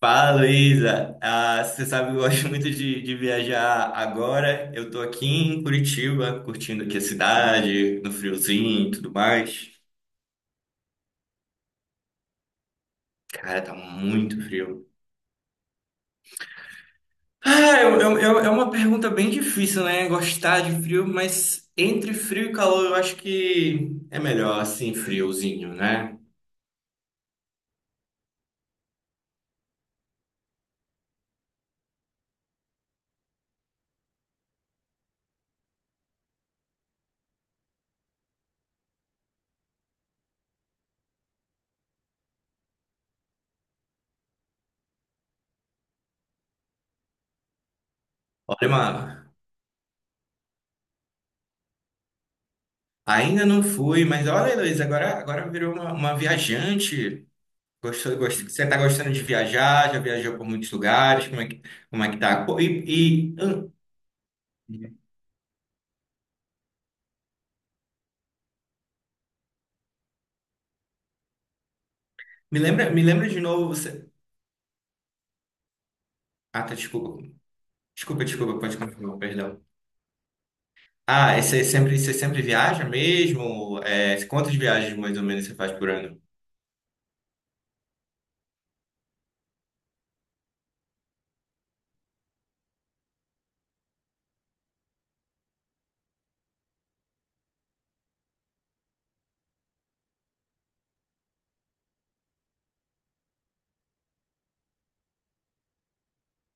Fala, Luísa. Ah, você sabe, que eu gosto muito de viajar agora. Eu tô aqui em Curitiba, curtindo aqui a cidade, no friozinho e tudo mais. Cara, tá muito frio. Ah, é uma pergunta bem difícil, né? Gostar de frio, mas entre frio e calor, eu acho que é melhor assim, friozinho, né? Olha, mano, ainda não fui, mas olha, Luísa, agora virou uma viajante. Gostou, gostou, você está gostando de viajar? Já viajou por muitos lugares? Como é que tá? Pô. Me lembra, de novo você. Ah, tá, desculpa. Desculpa, desculpa, pode continuar, perdão. Ah, e você sempre viaja mesmo? É, quantas viagens mais ou menos você faz por ano?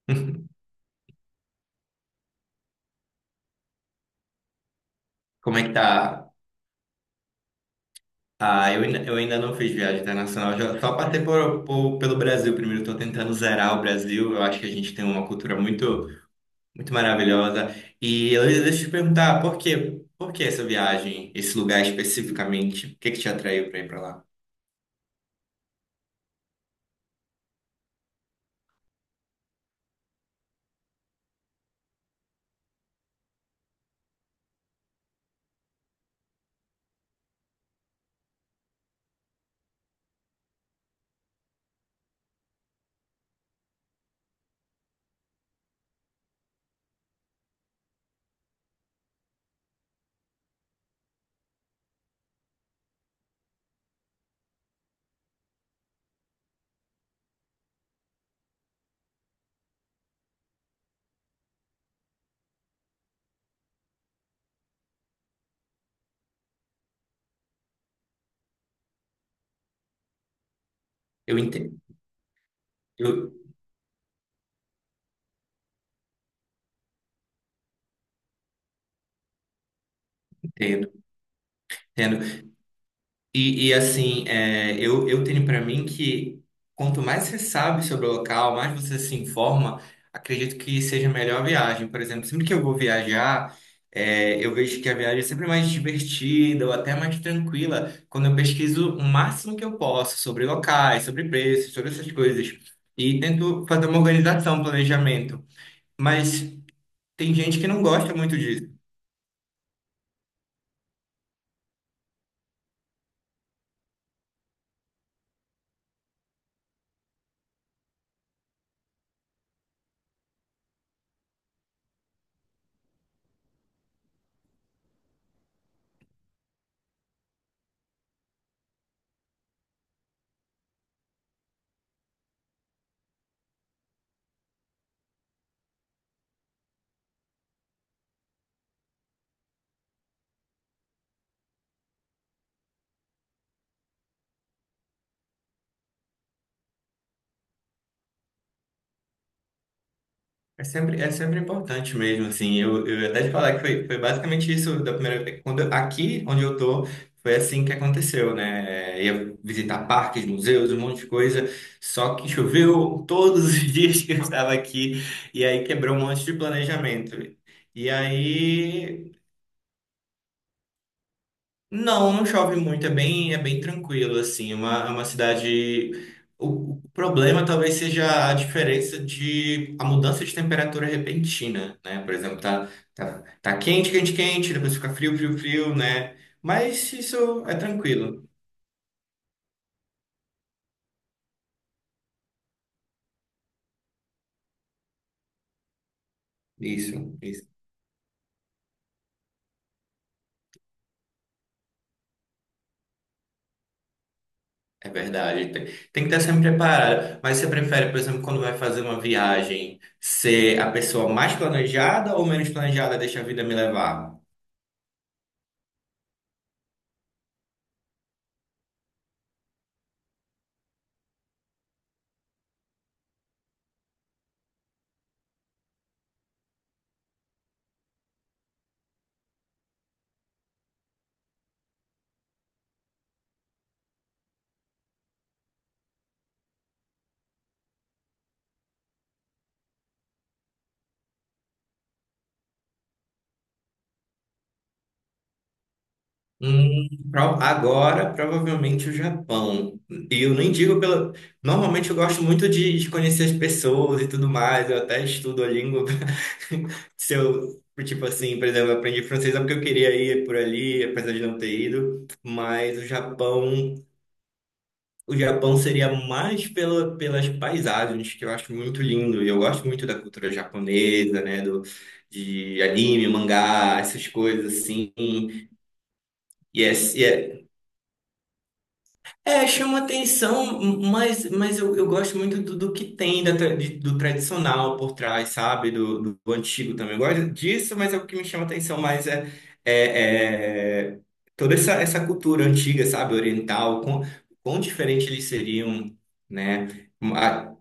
Como é que tá? Ah, eu ainda não fiz viagem internacional, já, só passei pelo Brasil primeiro. Estou tentando zerar o Brasil. Eu acho que a gente tem uma cultura muito maravilhosa. E Heloísa, deixa eu te perguntar, por quê? Por que essa viagem, esse lugar especificamente? O que que te atraiu para ir para lá? Eu entendo. Eu entendo. Entendo. E assim, eu tenho para mim que quanto mais você sabe sobre o local, mais você se informa, acredito que seja melhor a viagem. Por exemplo, sempre que eu vou viajar, eu vejo que a viagem é sempre mais divertida ou até mais tranquila quando eu pesquiso o máximo que eu posso sobre locais, sobre preços, sobre essas coisas. E tento fazer uma organização, um planejamento. Mas tem gente que não gosta muito disso. É sempre importante mesmo, assim, eu ia até te falar que foi basicamente isso da primeira vez, aqui onde eu tô, foi assim que aconteceu, né? Ia visitar parques, museus, um monte de coisa, só que choveu todos os dias que eu estava aqui, e aí quebrou um monte de planejamento. E aí não chove muito, é bem tranquilo, assim. É uma, é uma cidade. O problema talvez seja a diferença a mudança de temperatura repentina, né? Por exemplo, tá quente, quente, quente, depois fica frio, frio, frio, né? Mas isso é tranquilo, isso, isso. É verdade, tem que estar sempre preparado. Mas você prefere, por exemplo, quando vai fazer uma viagem, ser a pessoa mais planejada ou menos planejada, deixa a vida me levar? Agora, provavelmente o Japão. E eu nem digo pela. Normalmente eu gosto muito de conhecer as pessoas e tudo mais. Eu até estudo a língua. Se eu, tipo assim, por exemplo, eu aprendi francês é porque eu queria ir por ali, apesar de não ter ido. Mas o Japão seria mais pela, pelas paisagens, que eu acho muito lindo. E eu gosto muito da cultura japonesa, né? De anime, mangá, essas coisas assim. E é, Chama atenção, mas eu gosto muito do que tem do tradicional por trás, sabe? Do antigo também. Eu gosto disso, mas é o que me chama atenção mais é, é toda essa cultura antiga, sabe? Oriental, quão diferente eles seriam, né? Ah,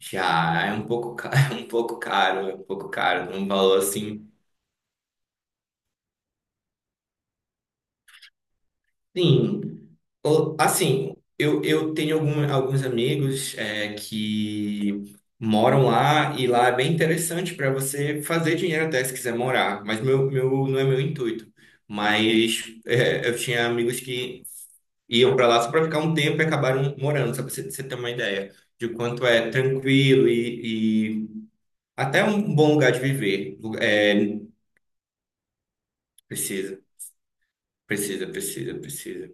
já é um pouco, um pouco caro, é um pouco caro, num valor assim. Sim. Assim, eu tenho algum, alguns amigos que moram lá, e lá é bem interessante para você fazer dinheiro até se quiser morar, mas não é meu intuito. Mas eu tinha amigos que iam para lá só para ficar um tempo e acabaram morando, só para você ter uma ideia de quanto é tranquilo e até um bom lugar de viver. É, precisa, precisa, precisa, precisa.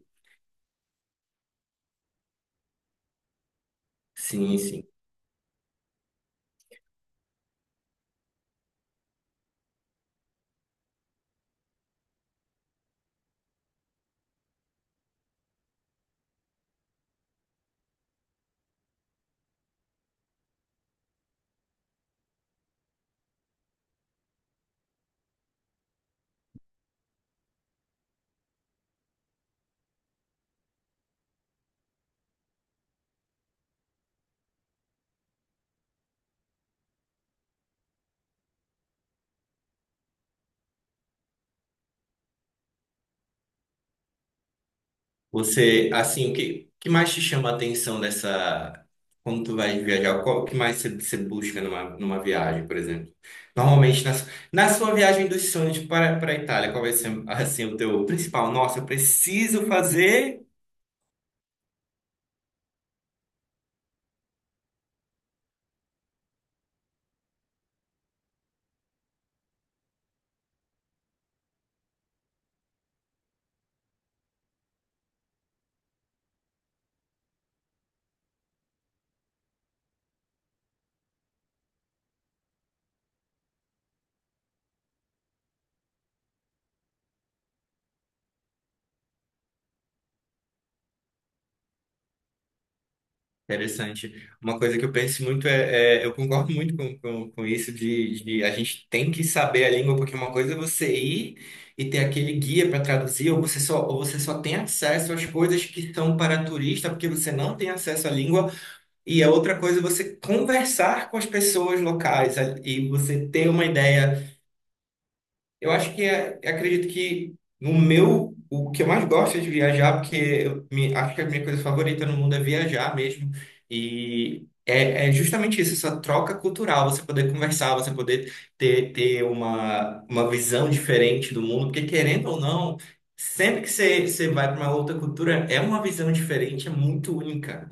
Sim, sim. Você, assim, o que, que mais te chama a atenção dessa. Quando tu vai viajar, qual o que mais você busca numa viagem, por exemplo? Normalmente, na sua viagem dos sonhos para a Itália, qual vai ser, assim, o teu principal? Nossa, eu preciso fazer. Interessante. Uma coisa que eu penso muito eu concordo muito com isso de a gente tem que saber a língua, porque uma coisa é você ir e ter aquele guia para traduzir, ou você só tem acesso às coisas que são para turista, porque você não tem acesso à língua. E a outra coisa é você conversar com as pessoas locais e você ter uma ideia. Eu acho que eu acredito que no meu, o que eu mais gosto é de viajar, porque eu acho que a minha coisa favorita no mundo é viajar mesmo. É justamente isso, essa troca cultural, você poder conversar, você poder ter uma visão diferente do mundo, porque querendo ou não, sempre que você vai para uma outra cultura, é uma visão diferente, é muito única.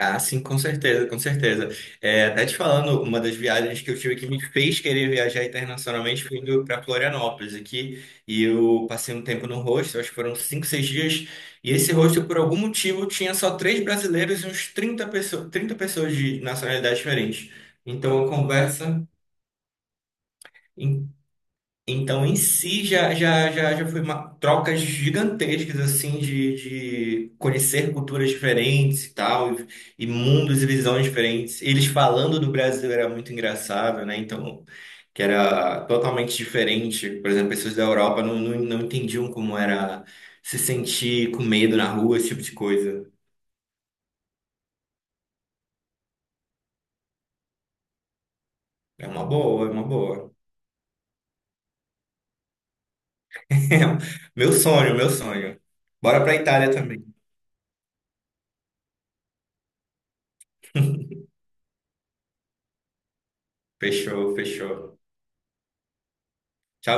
Ah, sim, com certeza, com certeza. É, até te falando, uma das viagens que eu tive que me fez querer viajar internacionalmente foi indo para Florianópolis aqui. E eu passei um tempo no hostel, acho que foram 5, 6 dias. E esse hostel, por algum motivo, tinha só três brasileiros e uns trinta pessoas de nacionalidades diferentes. Então, a conversa então, em si, já foi trocas gigantescas, assim, de conhecer culturas diferentes e tal, e mundos e visões diferentes. Eles falando do Brasil era muito engraçado, né? Então, que era totalmente diferente. Por exemplo, pessoas da Europa não entendiam como era se sentir com medo na rua, esse tipo de coisa. É uma boa, é uma boa. Meu sonho, meu sonho. Bora pra Itália também. Fechou, fechou. Tchau, tchau.